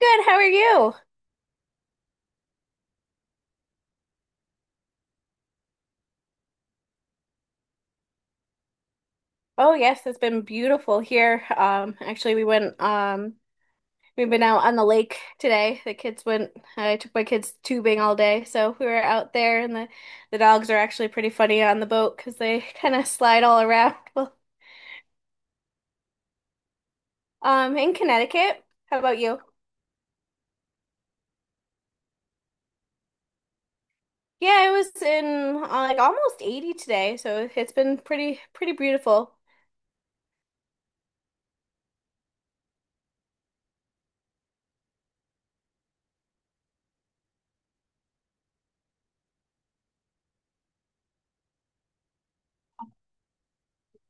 Good, how are you? Oh yes, it's been beautiful here. Actually we went, we've been out on the lake today. The kids went. I took my kids tubing all day, so we were out there and the dogs are actually pretty funny on the boat 'cause they kind of slide all around. Well, in Connecticut. How about you? Yeah, it was in, like almost 80 today, so it's been pretty beautiful.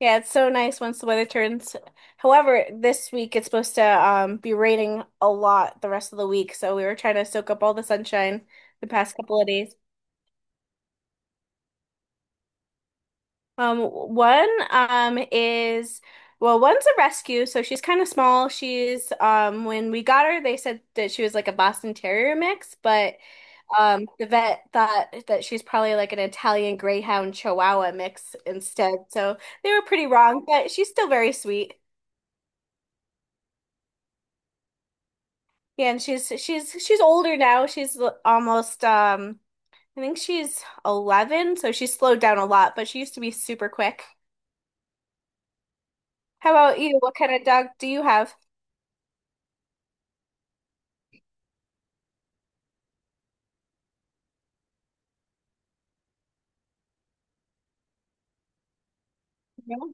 Yeah, it's so nice once the weather turns. However, this week it's supposed to, be raining a lot the rest of the week, so we were trying to soak up all the sunshine the past couple of days. One, is, well, one's a rescue, so she's kind of small. She's, when we got her, they said that she was like a Boston Terrier mix, but the vet thought that she's probably like an Italian Greyhound Chihuahua mix instead. So they were pretty wrong, but she's still very sweet. Yeah, and she's older now. She's almost, I think she's 11, so she's slowed down a lot, but she used to be super quick. How about you? What kind of dog do you have? No.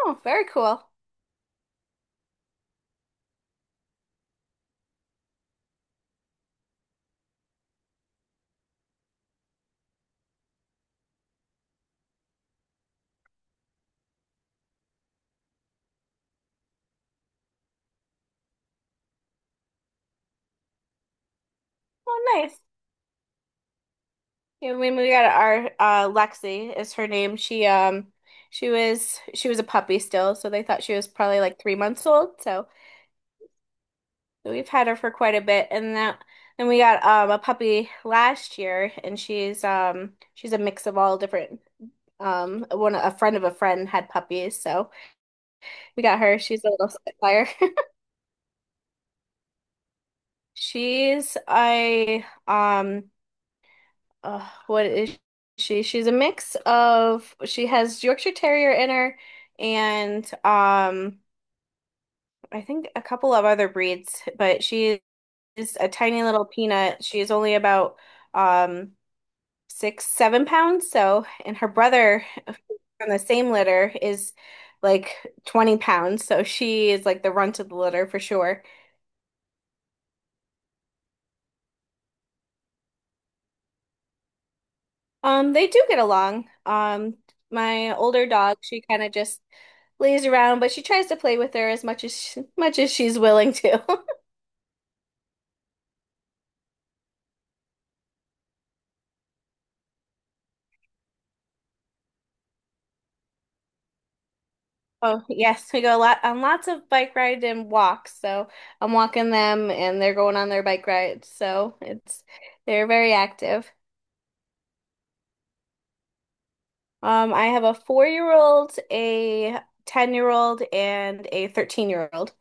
Oh, very cool. Oh, nice. Yeah, when we got our Lexi is her name. She, she was a puppy still, so they thought she was probably like 3 months old. So we've had her for quite a bit, and that and we got a puppy last year, and she's a mix of all different. One A friend of a friend had puppies, so we got her. She's a little spitfire. She's a, what is she? She's a mix of, she has Yorkshire Terrier in her, and I think a couple of other breeds, but she is a tiny little peanut. She's only about, um 6, 7 pounds. So, and her brother from the same litter is like 20 pounds. So she is like the runt of the litter for sure. They do get along. My older dog, she kind of just lays around, but she tries to play with her as much as she's willing to. Oh, yes, we go a lot on lots of bike rides and walks. So I'm walking them and they're going on their bike rides. So it's they're very active. I have a 4-year-old, a 10-year-old, and a 13-year-old.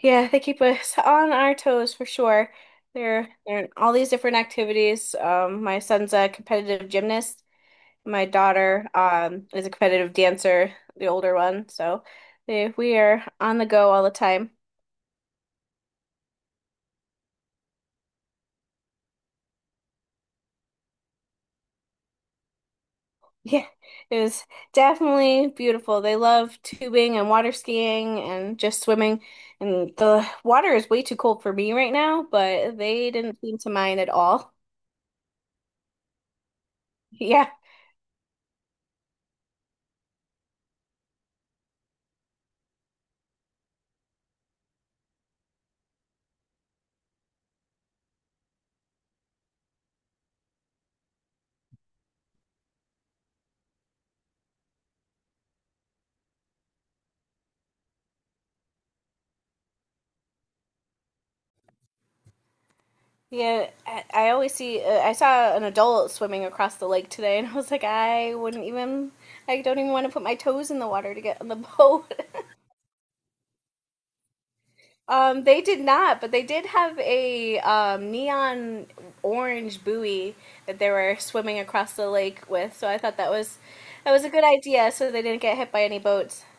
Yeah, they keep us on our toes for sure. They're in all these different activities. My son's a competitive gymnast. My daughter, is a competitive dancer, the older one. So we are on the go all the time. Yeah, it was definitely beautiful. They love tubing and water skiing and just swimming. And the water is way too cold for me right now, but they didn't seem to mind at all. Yeah. Yeah, I always see, I saw an adult swimming across the lake today, and I was like, I wouldn't even, I don't even want to put my toes in the water to get on the boat. They did not, but they did have a, neon orange buoy that they were swimming across the lake with. So I thought that was a good idea, so they didn't get hit by any boats.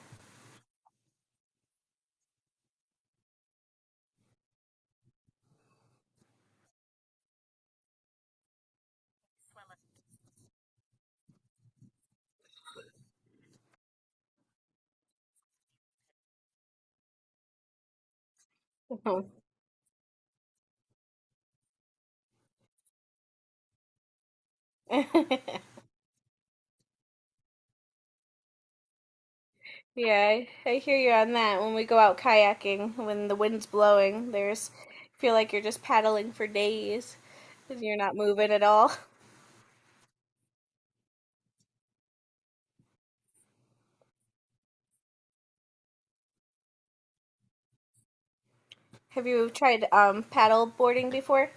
Mhm. Yeah, I hear you on that. When we go out kayaking, when the wind's blowing, there's feel like you're just paddling for days 'cause you're not moving at all. Have you tried, paddle boarding before?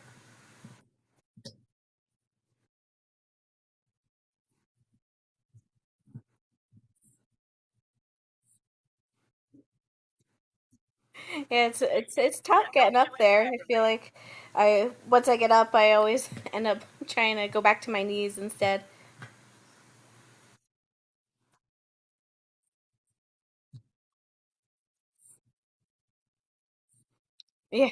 Yeah, it's tough getting up there. I feel like, I once I get up, I always end up trying to go back to my knees instead. Yeah,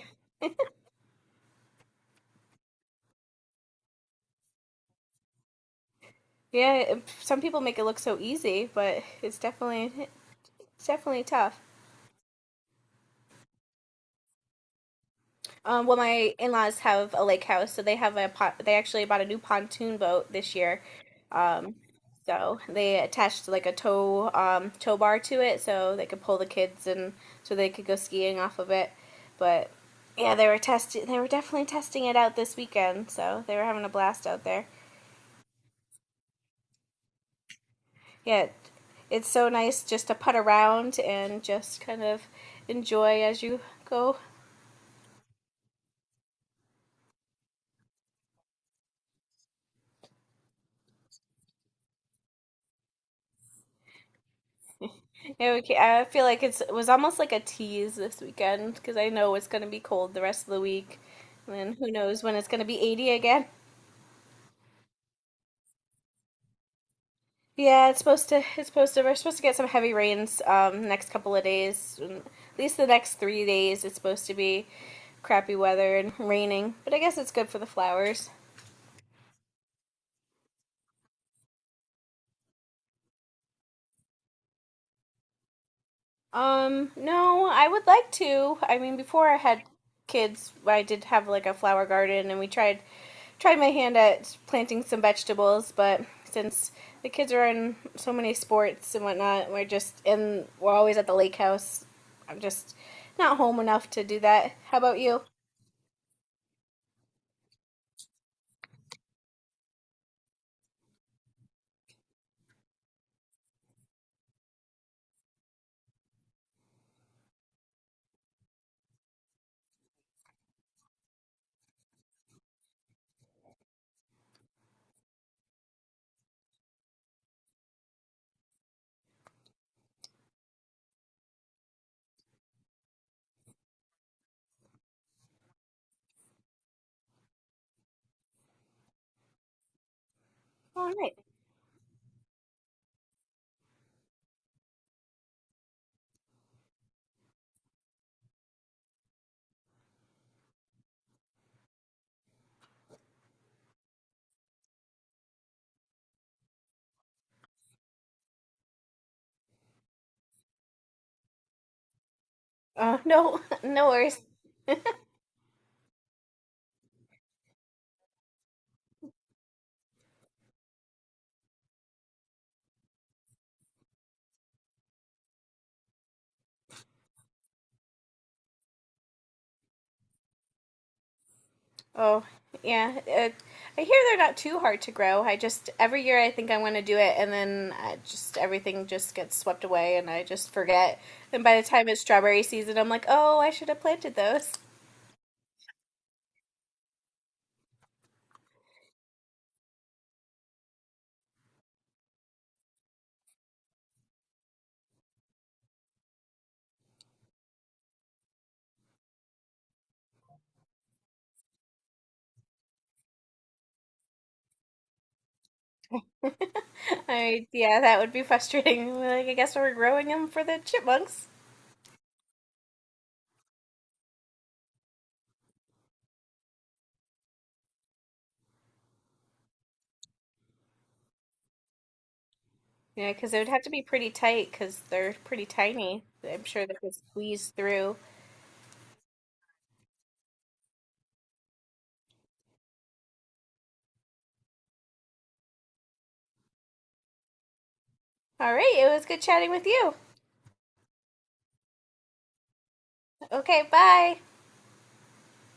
yeah. Some people make it look so easy, but it's definitely tough. Well, my in-laws have a lake house, so they have a pot. They actually bought a new pontoon boat this year. Um, so they attached like a tow bar to it, so they could pull the kids and so they could go skiing off of it. But yeah, They were definitely testing it out this weekend, so they were having a blast out there. Yeah, it's so nice just to putt around and just kind of enjoy as you go. Yeah, I feel like it was almost like a tease this weekend because I know it's going to be cold the rest of the week, and then who knows when it's going to be 80 again. Yeah, it's supposed to. It's supposed to. We're supposed to get some heavy rains, next couple of days, and at least the next 3 days. It's supposed to be crappy weather and raining, but I guess it's good for the flowers. No, I would like to. I mean, before I had kids, I did have like a flower garden and we tried my hand at planting some vegetables, but since the kids are in so many sports and whatnot, we're just in, we're always at the lake house. I'm just not home enough to do that. How about you? All right. No, no worries. Oh, yeah. I hear they're not too hard to grow. I just every year I think I want to do it, and then I just everything just gets swept away, and I just forget. And by the time it's strawberry season, I'm like, oh, I should have planted those. I Yeah, that would be frustrating. Like I guess we're growing them for the chipmunks. Yeah, because it would have to be pretty tight because they're pretty tiny. I'm sure they could squeeze through. All right, it was good chatting with you. Okay, bye.